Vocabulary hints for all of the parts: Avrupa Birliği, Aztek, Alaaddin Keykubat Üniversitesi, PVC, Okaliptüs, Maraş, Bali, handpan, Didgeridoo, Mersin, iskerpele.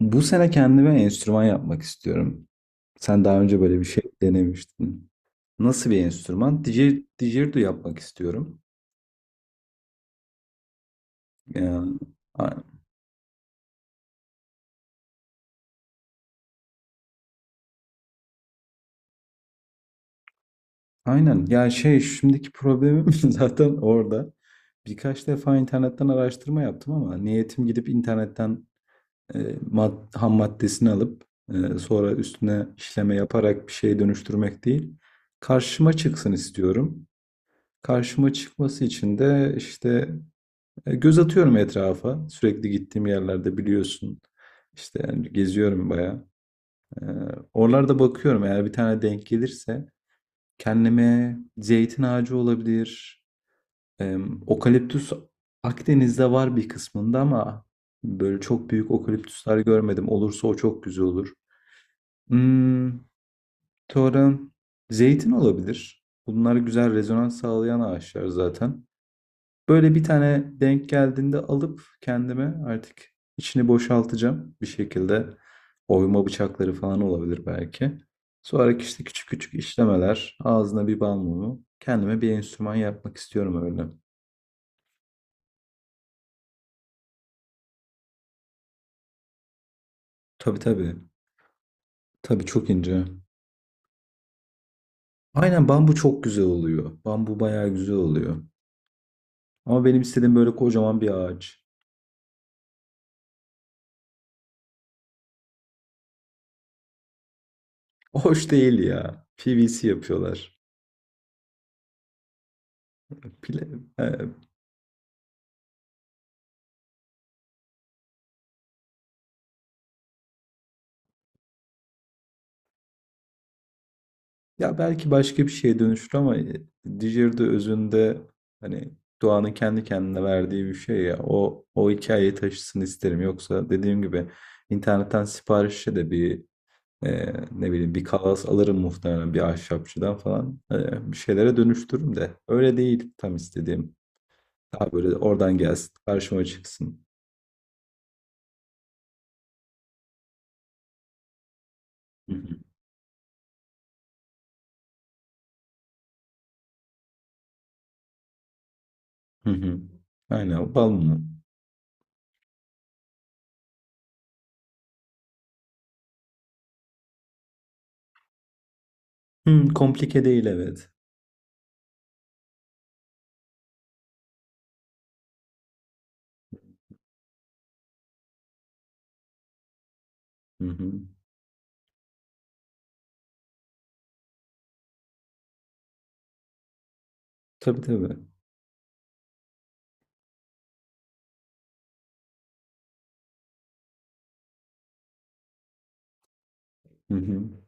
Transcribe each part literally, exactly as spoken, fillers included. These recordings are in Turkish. Bu sene kendime enstrüman yapmak istiyorum. Sen daha önce böyle bir şey denemiştin. Nasıl bir enstrüman? Didger- Didgeridoo yapmak istiyorum. Ya, a- aynen. Ya şey şimdiki problemim zaten orada. Birkaç defa internetten araştırma yaptım ama niyetim gidip internetten e, mad- ham maddesini alıp e, sonra üstüne işleme yaparak bir şeye dönüştürmek değil. Karşıma çıksın istiyorum. Karşıma çıkması için de işte E, göz atıyorum etrafa. Sürekli gittiğim yerlerde biliyorsun. İşte yani geziyorum bayağı. E, Oralarda bakıyorum, eğer bir tane denk gelirse kendime zeytin ağacı olabilir. E, Okaliptüs Akdeniz'de var bir kısmında ama böyle çok büyük okaliptüsler görmedim. Olursa o çok güzel olur. Hmm, Sonra zeytin olabilir. Bunlar güzel rezonans sağlayan ağaçlar zaten. Böyle bir tane denk geldiğinde alıp kendime artık içini boşaltacağım bir şekilde. Oyma bıçakları falan olabilir belki. Sonra işte küçük küçük işlemeler, ağzına bir bal mumu. Kendime bir enstrüman yapmak istiyorum öyle. Tabii tabii. Tabii çok ince. Aynen, bambu çok güzel oluyor. Bambu bayağı güzel oluyor. Ama benim istediğim böyle kocaman bir ağaç. Hoş değil ya. P V C yapıyorlar. Pile, e, Ya belki başka bir şeye dönüşür ama e, Dijeri'de özünde hani doğanın kendi kendine verdiği bir şey ya. O o hikayeyi taşısın isterim. Yoksa dediğim gibi internetten siparişle de bir e, ne bileyim bir kalas alırım muhtemelen bir ahşapçıdan falan. E, bir şeylere dönüştürürüm de. Öyle değil tam istediğim. Daha böyle oradan gelsin, karşıma çıksın. Hı hı. Hı hı. Aynen, bal mı? Hı, komplike değil, evet. Hı hı. Tabii tabii. Hı hı.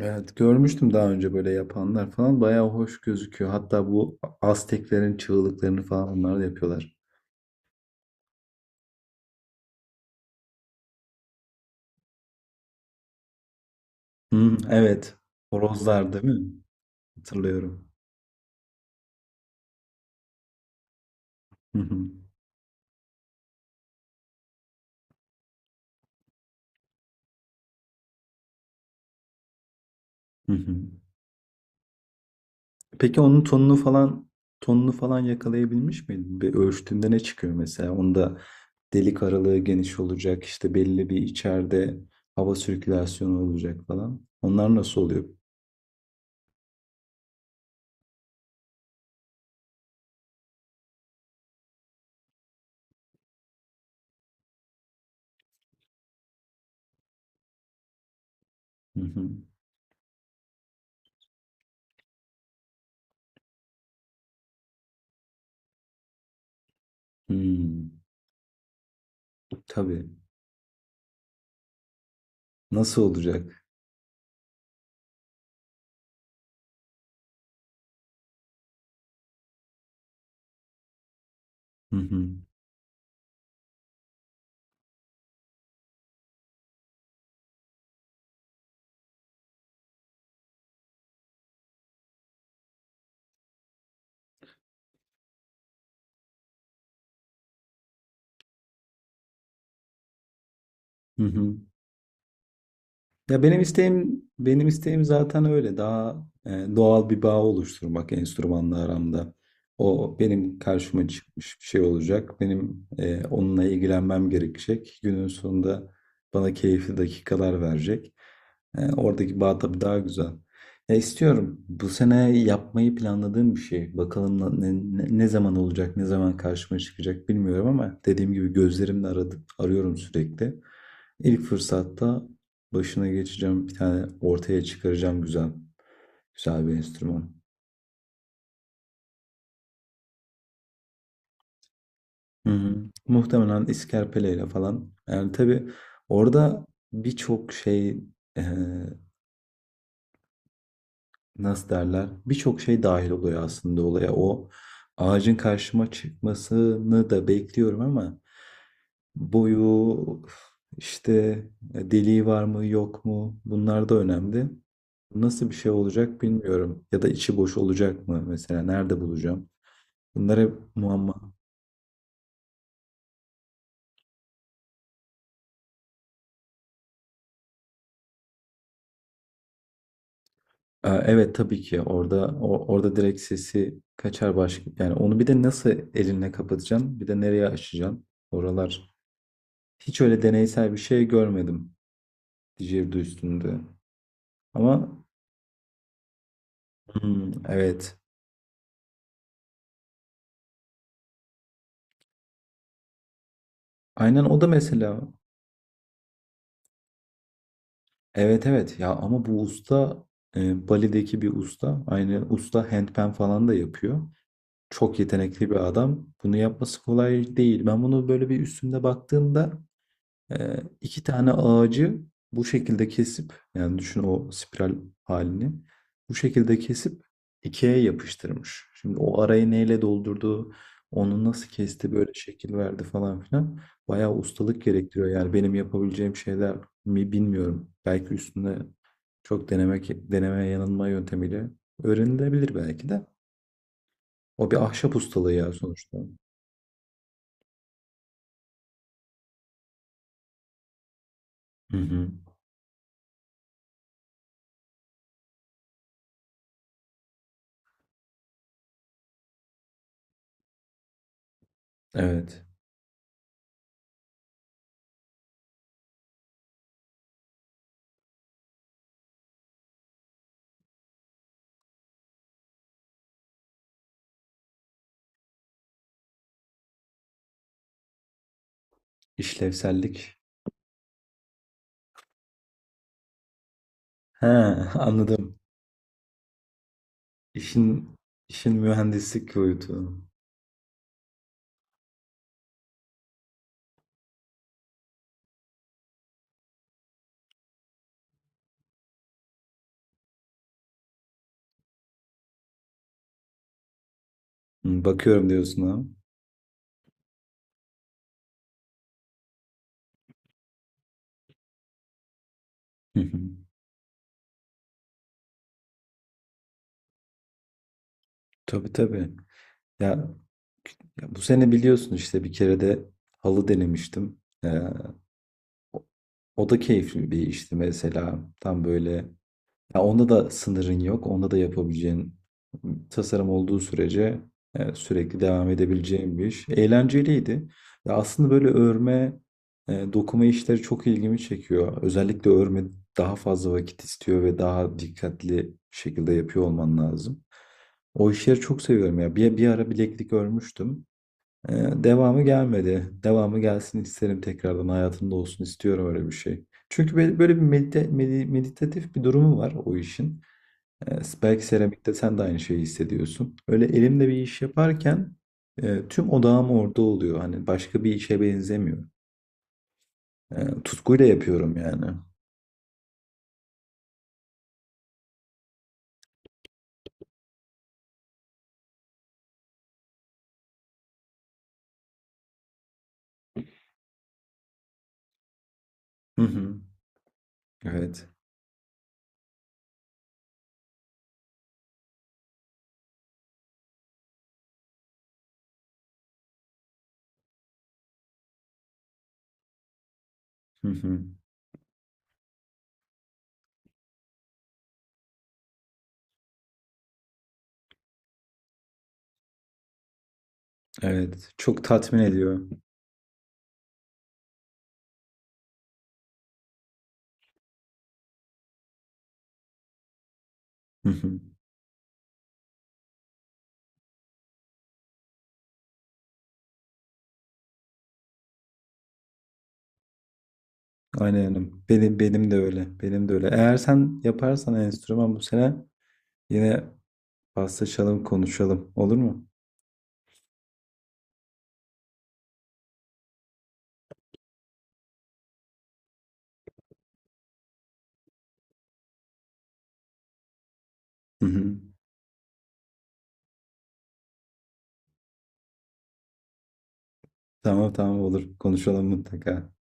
Evet, görmüştüm daha önce böyle yapanlar falan. Bayağı hoş gözüküyor. Hatta bu Azteklerin çığlıklarını falan onlar da yapıyorlar. Hı, evet. Horozlar değil mi? Hatırlıyorum. Hı hı. Hı hı. Peki onun tonunu falan tonunu falan yakalayabilmiş miydin? Bir ölçtüğünde ne çıkıyor mesela? Onda delik aralığı geniş olacak, işte belli bir içeride hava sirkülasyonu olacak falan. Onlar nasıl oluyor? Hı hı. Hmm, tabii. Nasıl olacak? Hı hı. Hı hı. Ya benim isteğim benim isteğim zaten öyle daha e, doğal bir bağ oluşturmak enstrümanla aramda. O benim karşıma çıkmış bir şey olacak. Benim e, onunla ilgilenmem gerekecek. Günün sonunda bana keyifli dakikalar verecek. E, oradaki bağ tabii daha güzel. Ya istiyorum. Bu sene yapmayı planladığım bir şey. Bakalım na- ne, ne, ne zaman olacak, ne zaman karşıma çıkacak bilmiyorum ama dediğim gibi gözlerimle aradım, arıyorum sürekli. İlk fırsatta başına geçeceğim bir tane ortaya çıkaracağım, güzel. Güzel bir enstrüman. Hı hı. Muhtemelen iskerpeleyle falan. Yani tabii orada birçok şey, e, nasıl derler, birçok şey dahil oluyor aslında olaya. O ağacın karşıma çıkmasını da bekliyorum ama boyu, işte deliği var mı yok mu? Bunlar da önemli. Nasıl bir şey olacak bilmiyorum. Ya da içi boş olacak mı mesela? Nerede bulacağım? Bunlar hep muamma. Ee, Evet, tabii ki orada o- orada direkt sesi kaçar baş yani, onu bir de nasıl elinle kapatacaksın, bir de nereye açacaksın oralar. Hiç öyle deneysel bir şey görmedim didgeridoo üstünde. Ama hmm, evet. Aynen, o da mesela. Evet evet ya, ama bu usta, e, Bali'deki bir usta. Aynı usta handpan falan da yapıyor. Çok yetenekli bir adam. Bunu yapması kolay değil. Ben bunu böyle bir üstünde baktığımda, Ee, iki tane ağacı bu şekilde kesip, yani düşün, o spiral halini bu şekilde kesip ikiye yapıştırmış. Şimdi o arayı neyle doldurdu, onu nasıl kesti, böyle şekil verdi falan filan. Bayağı ustalık gerektiriyor. Yani benim yapabileceğim şeyler mi bilmiyorum. Belki üstünde çok denemek, deneme yanılma yöntemiyle öğrenilebilir belki de. O bir ahşap ustalığı ya sonuçta. Hı hı. Evet. İşlevsellik. He, anladım. İşin işin mühendislik boyutu. Hı, bakıyorum diyorsun ha. Hı hı. Tabii tabii. Ya, ya bu sene biliyorsun işte bir kere de halı denemiştim. Ee, O da keyifli bir işti mesela. Tam böyle ya, onda da sınırın yok. Onda da yapabileceğin tasarım olduğu sürece e, sürekli devam edebileceğin bir iş. Eğlenceliydi. Ya aslında böyle örme, e, dokuma işleri çok ilgimi çekiyor. Özellikle örme daha fazla vakit istiyor ve daha dikkatli şekilde yapıyor olman lazım. O işleri çok seviyorum ya. Bir, bir ara bileklik örmüştüm. Ee, Devamı gelmedi. Devamı gelsin isterim, tekrardan hayatımda olsun istiyorum öyle bir şey. Çünkü böyle, böyle bir medite- medi- meditatif bir durumu var o işin. Ee, belki seramikte sen de aynı şeyi hissediyorsun. Öyle elimde bir iş yaparken e, tüm odağım orada oluyor. Hani başka bir işe benzemiyor. Ee, tutkuyla yapıyorum yani. Hı hı. Evet. Hı hı. Evet. Çok tatmin ediyor. Hı hı. Aynen. Benim benim de öyle. Benim de öyle. Eğer sen yaparsan enstrüman bu sene, yine paslaşalım, konuşalım. Olur mu? Hı hı. Tamam tamam, olur. Konuşalım mutlaka.